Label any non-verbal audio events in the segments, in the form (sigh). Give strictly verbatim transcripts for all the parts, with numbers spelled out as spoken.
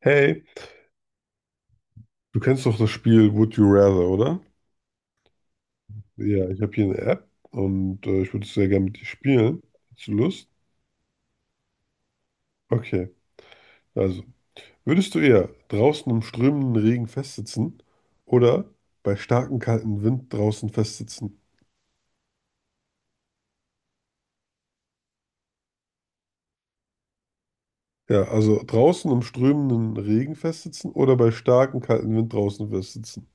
Hey, du kennst doch das Spiel Would You Rather, oder? Ja, ich habe hier eine App und äh, ich würde es sehr gerne mit dir spielen. Hast du Lust? Okay, also, würdest du eher draußen im strömenden Regen festsitzen oder bei starkem kalten Wind draußen festsitzen? Ja, also draußen im strömenden Regen festsitzen oder bei starkem kalten Wind draußen festsitzen.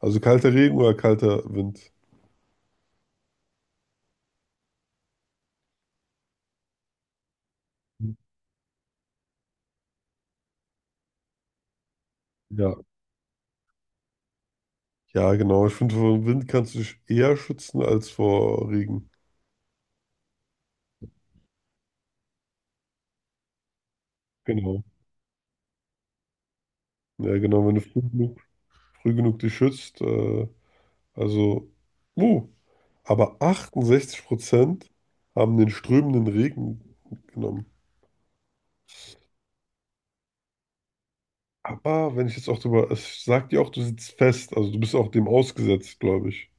Also kalter Regen oder kalter Wind? Ja. Ja, genau. Ich finde, vor dem Wind kannst du dich eher schützen als vor Regen. Genau. Ja, genau. Wenn du früh genug früh genug dich schützt. Äh, also, uh, aber achtundsechzig Prozent haben den strömenden Regen genommen. Aber wenn ich jetzt auch drüber, es sagt dir auch, du sitzt fest, also du bist auch dem ausgesetzt, glaube ich.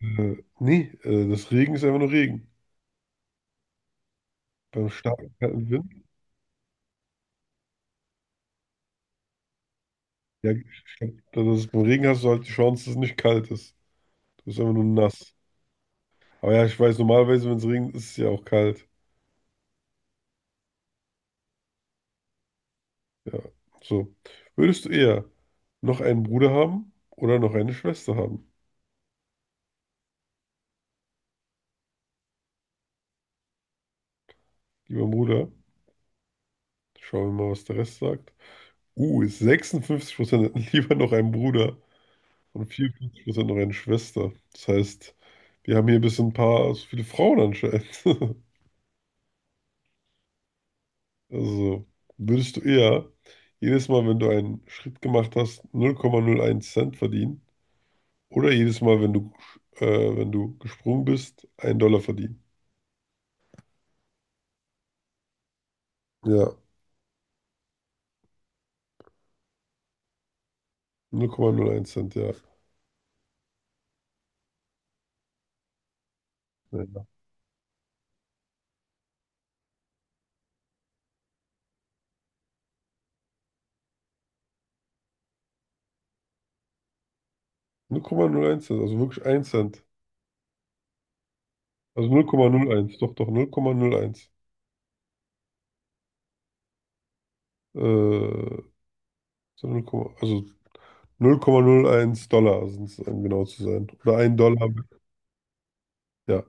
Äh, nee, äh, das Regen ist einfach nur Regen. Beim starken kalten Wind, ja, ich glaub, das ist, beim Regen hast du halt die Chance, dass es nicht kalt ist. Du bist einfach nur nass. Aber ja, ich weiß, normalerweise, wenn es regnet, ist es ja auch kalt. Ja, so. Würdest du eher noch einen Bruder haben oder noch eine Schwester haben? Lieber Bruder, schauen wir mal, was der Rest sagt. Uh, ist sechsundfünfzig Prozent hätten (laughs) lieber noch einen Bruder und vierundfünfzig Prozent noch eine Schwester. Das heißt, wir haben hier bis ein paar, so viele Frauen anscheinend. (laughs) Also, würdest du eher jedes Mal, wenn du einen Schritt gemacht hast, null null Komma null eins Cent verdienen oder jedes Mal, wenn du, äh, wenn du gesprungen bist, einen Dollar verdienen? Ja, Null null Komma null eins Cent, ja. Ja. Null Komma null eins Cent, also wirklich ein Cent. Also null null Komma null eins, doch, doch, null Komma null eins. Äh, so null, also null Komma null eins Dollar sind es, um genau zu sein. Oder ein Dollar, ja.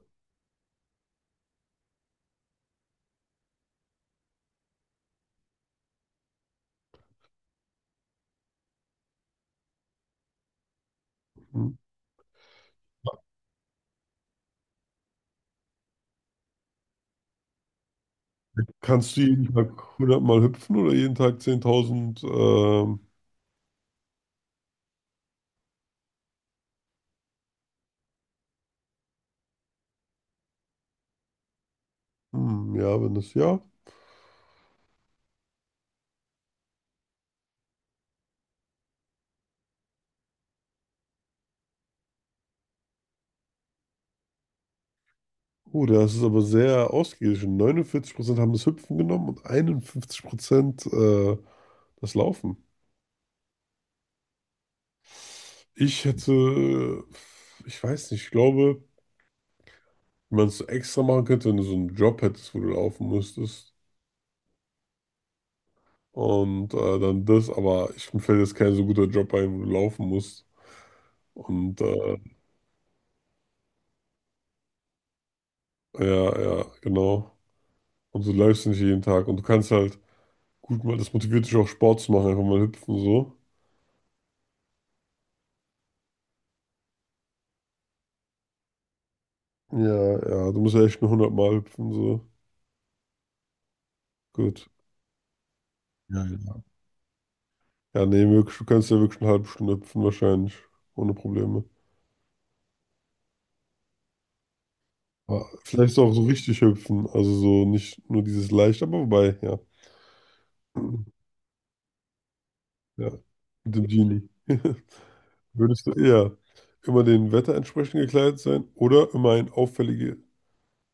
Hm. Kannst du jeden Tag hundert Mal hüpfen oder jeden Tag zehntausend? Ähm, hm, ja, wenn das ja. Oh, das ist aber sehr ausgeglichen. Neunundvierzig Prozent haben das Hüpfen genommen und einundfünfzig Prozent äh, das Laufen. Ich hätte, ich weiß nicht, ich glaube, wie man es extra machen könnte, wenn du so einen Job hättest, wo du laufen müsstest. Und äh, dann das, aber ich, mir fällt jetzt kein so guter Job ein, wo du laufen musst. Und äh, ja, ja, genau. Und du läufst nicht jeden Tag. Und du kannst halt, gut, mal, das motiviert dich auch Sport zu machen, einfach mal hüpfen so. Ja, ja, du musst ja echt nur hundert Mal hüpfen so. Gut. Ja, ja. Ja, nee, wirklich, du kannst ja wirklich eine halbe Stunde hüpfen wahrscheinlich, ohne Probleme. Aber vielleicht auch so richtig hüpfen, also so nicht nur dieses leicht, aber wobei, ja. Ja, mit dem Genie. (laughs) Würdest du eher immer dem Wetter entsprechend gekleidet sein oder immer einen auffällige,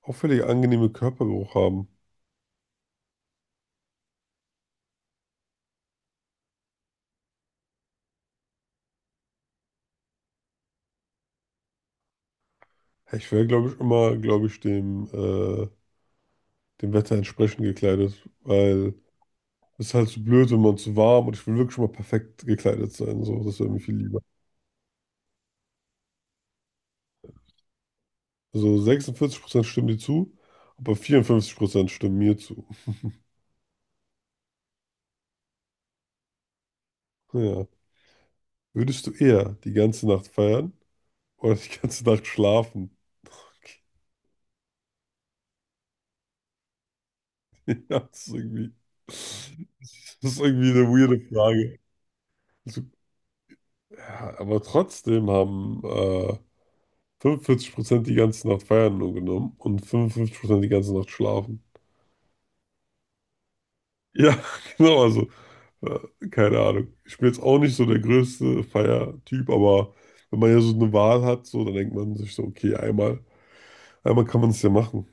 auffällige angenehme Körpergeruch haben? Ja, ich wäre, glaube ich, immer, glaube ich, dem, äh, dem Wetter entsprechend gekleidet, weil es ist halt zu blöd, wenn man zu warm und ich will wirklich mal perfekt gekleidet sein. So, das wäre mir viel lieber. Also sechsundvierzig Prozent stimmen dir zu, aber vierundfünfzig Prozent stimmen mir zu. Ja. Würdest du eher die ganze Nacht feiern oder die ganze Nacht schlafen? (laughs) Okay. (laughs) Ja, das ist irgendwie, das ist irgendwie eine weirde Frage. Also, ja, aber trotzdem haben äh, fünfundvierzig Prozent die ganze Nacht feiern nur genommen und fünfundfünfzig Prozent die ganze Nacht schlafen. Ja, (laughs) genau, also äh, keine Ahnung. Ich bin jetzt auch nicht so der größte Feiertyp, aber wenn man ja so eine Wahl hat, so, dann denkt man sich so, okay, einmal, einmal kann man es ja machen.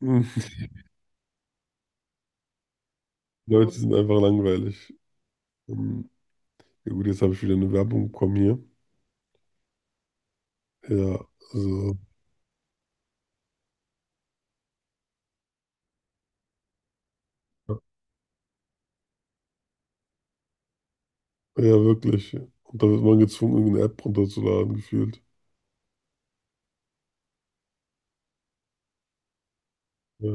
Hm, die Leute sind einfach langweilig. Ähm, ja gut, jetzt habe ich wieder eine Werbung bekommen hier. Ja, also. Ja, wirklich. Und da wird man gezwungen, irgendeine App runterzuladen, gefühlt. Ja,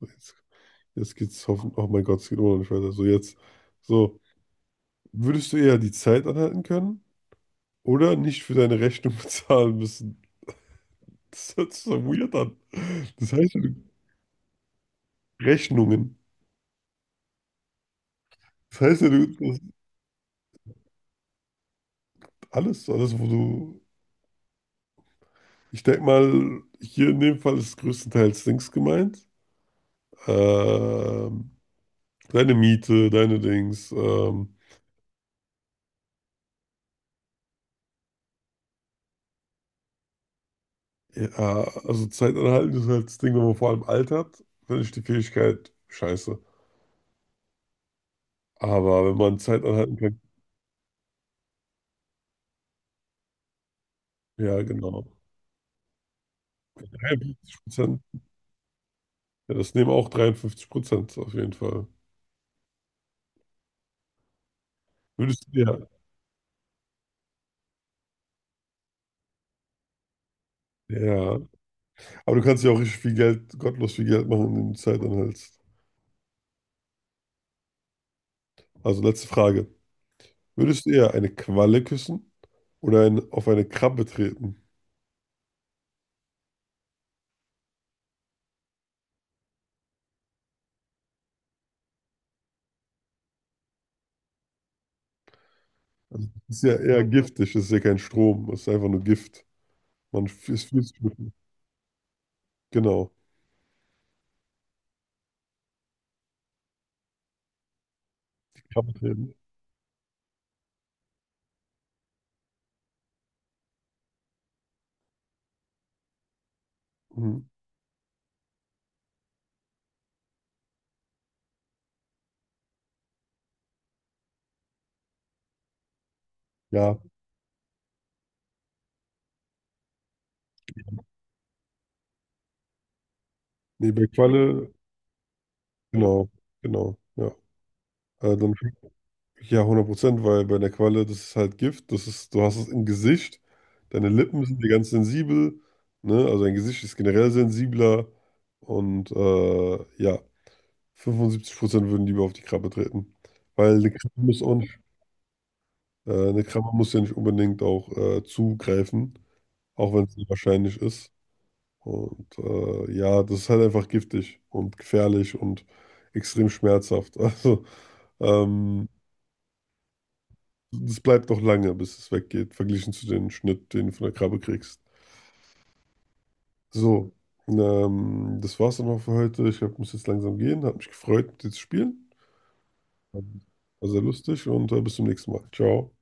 jetzt, jetzt geht's hoffentlich. Oh mein Gott, es geht immer noch nicht weiter. So, jetzt. So, würdest du eher die Zeit anhalten können oder nicht für deine Rechnung (laughs) bezahlen müssen? Das hört sich so weird an. Das heißt, ja, du- Rechnungen. Das heißt, ja, du, das alles, alles, wo du. Ich denke mal, hier in dem Fall ist größtenteils Dings gemeint. Ähm, deine Miete, deine Dings. Ähm, Ja, also Zeit anhalten ist halt das Ding, wenn man vor allem altert, finde ich die Fähigkeit scheiße. Aber wenn man Zeit anhalten kann, ja, genau. Dreiundfünfzig Prozent. Ja, das nehmen auch dreiundfünfzig Prozent auf jeden Fall. Würdest du, ja, ja. Aber du kannst ja auch richtig viel Geld, gottlos viel Geld machen, indem du Zeit anhältst. Also letzte Frage. Würdest du eher eine Qualle küssen oder ein, auf eine Krabbe treten? Also, das ist ja eher giftig, das ist ja kein Strom, das ist einfach nur Gift. Man f- ist viel zu. Genau. Krabbe treten. Mhm. Ja, nee, bei Qualle, genau, genau, ja. Äh, dann, ja, hundert Prozent, weil bei der Qualle, das ist halt Gift, das ist, du hast es im Gesicht, deine Lippen sind dir ganz sensibel, ne, also dein Gesicht ist generell sensibler und äh, ja, fünfundsiebzig Prozent würden lieber auf die Krabbe treten, weil eine Krabbe muss auch nicht, äh, eine Krabbe muss ja nicht unbedingt auch äh, zugreifen, auch wenn es sehr wahrscheinlich ist. Und äh, ja, das ist halt einfach giftig und gefährlich und extrem schmerzhaft. (laughs) Also, ähm, das bleibt noch lange, bis es weggeht, verglichen zu dem Schnitt, den du von der Krabbe kriegst. So, ähm, das war's dann auch für heute. Ich glaub, ich muss jetzt langsam gehen. Hat mich gefreut, mit dir zu spielen. War sehr lustig und äh, bis zum nächsten Mal. Ciao.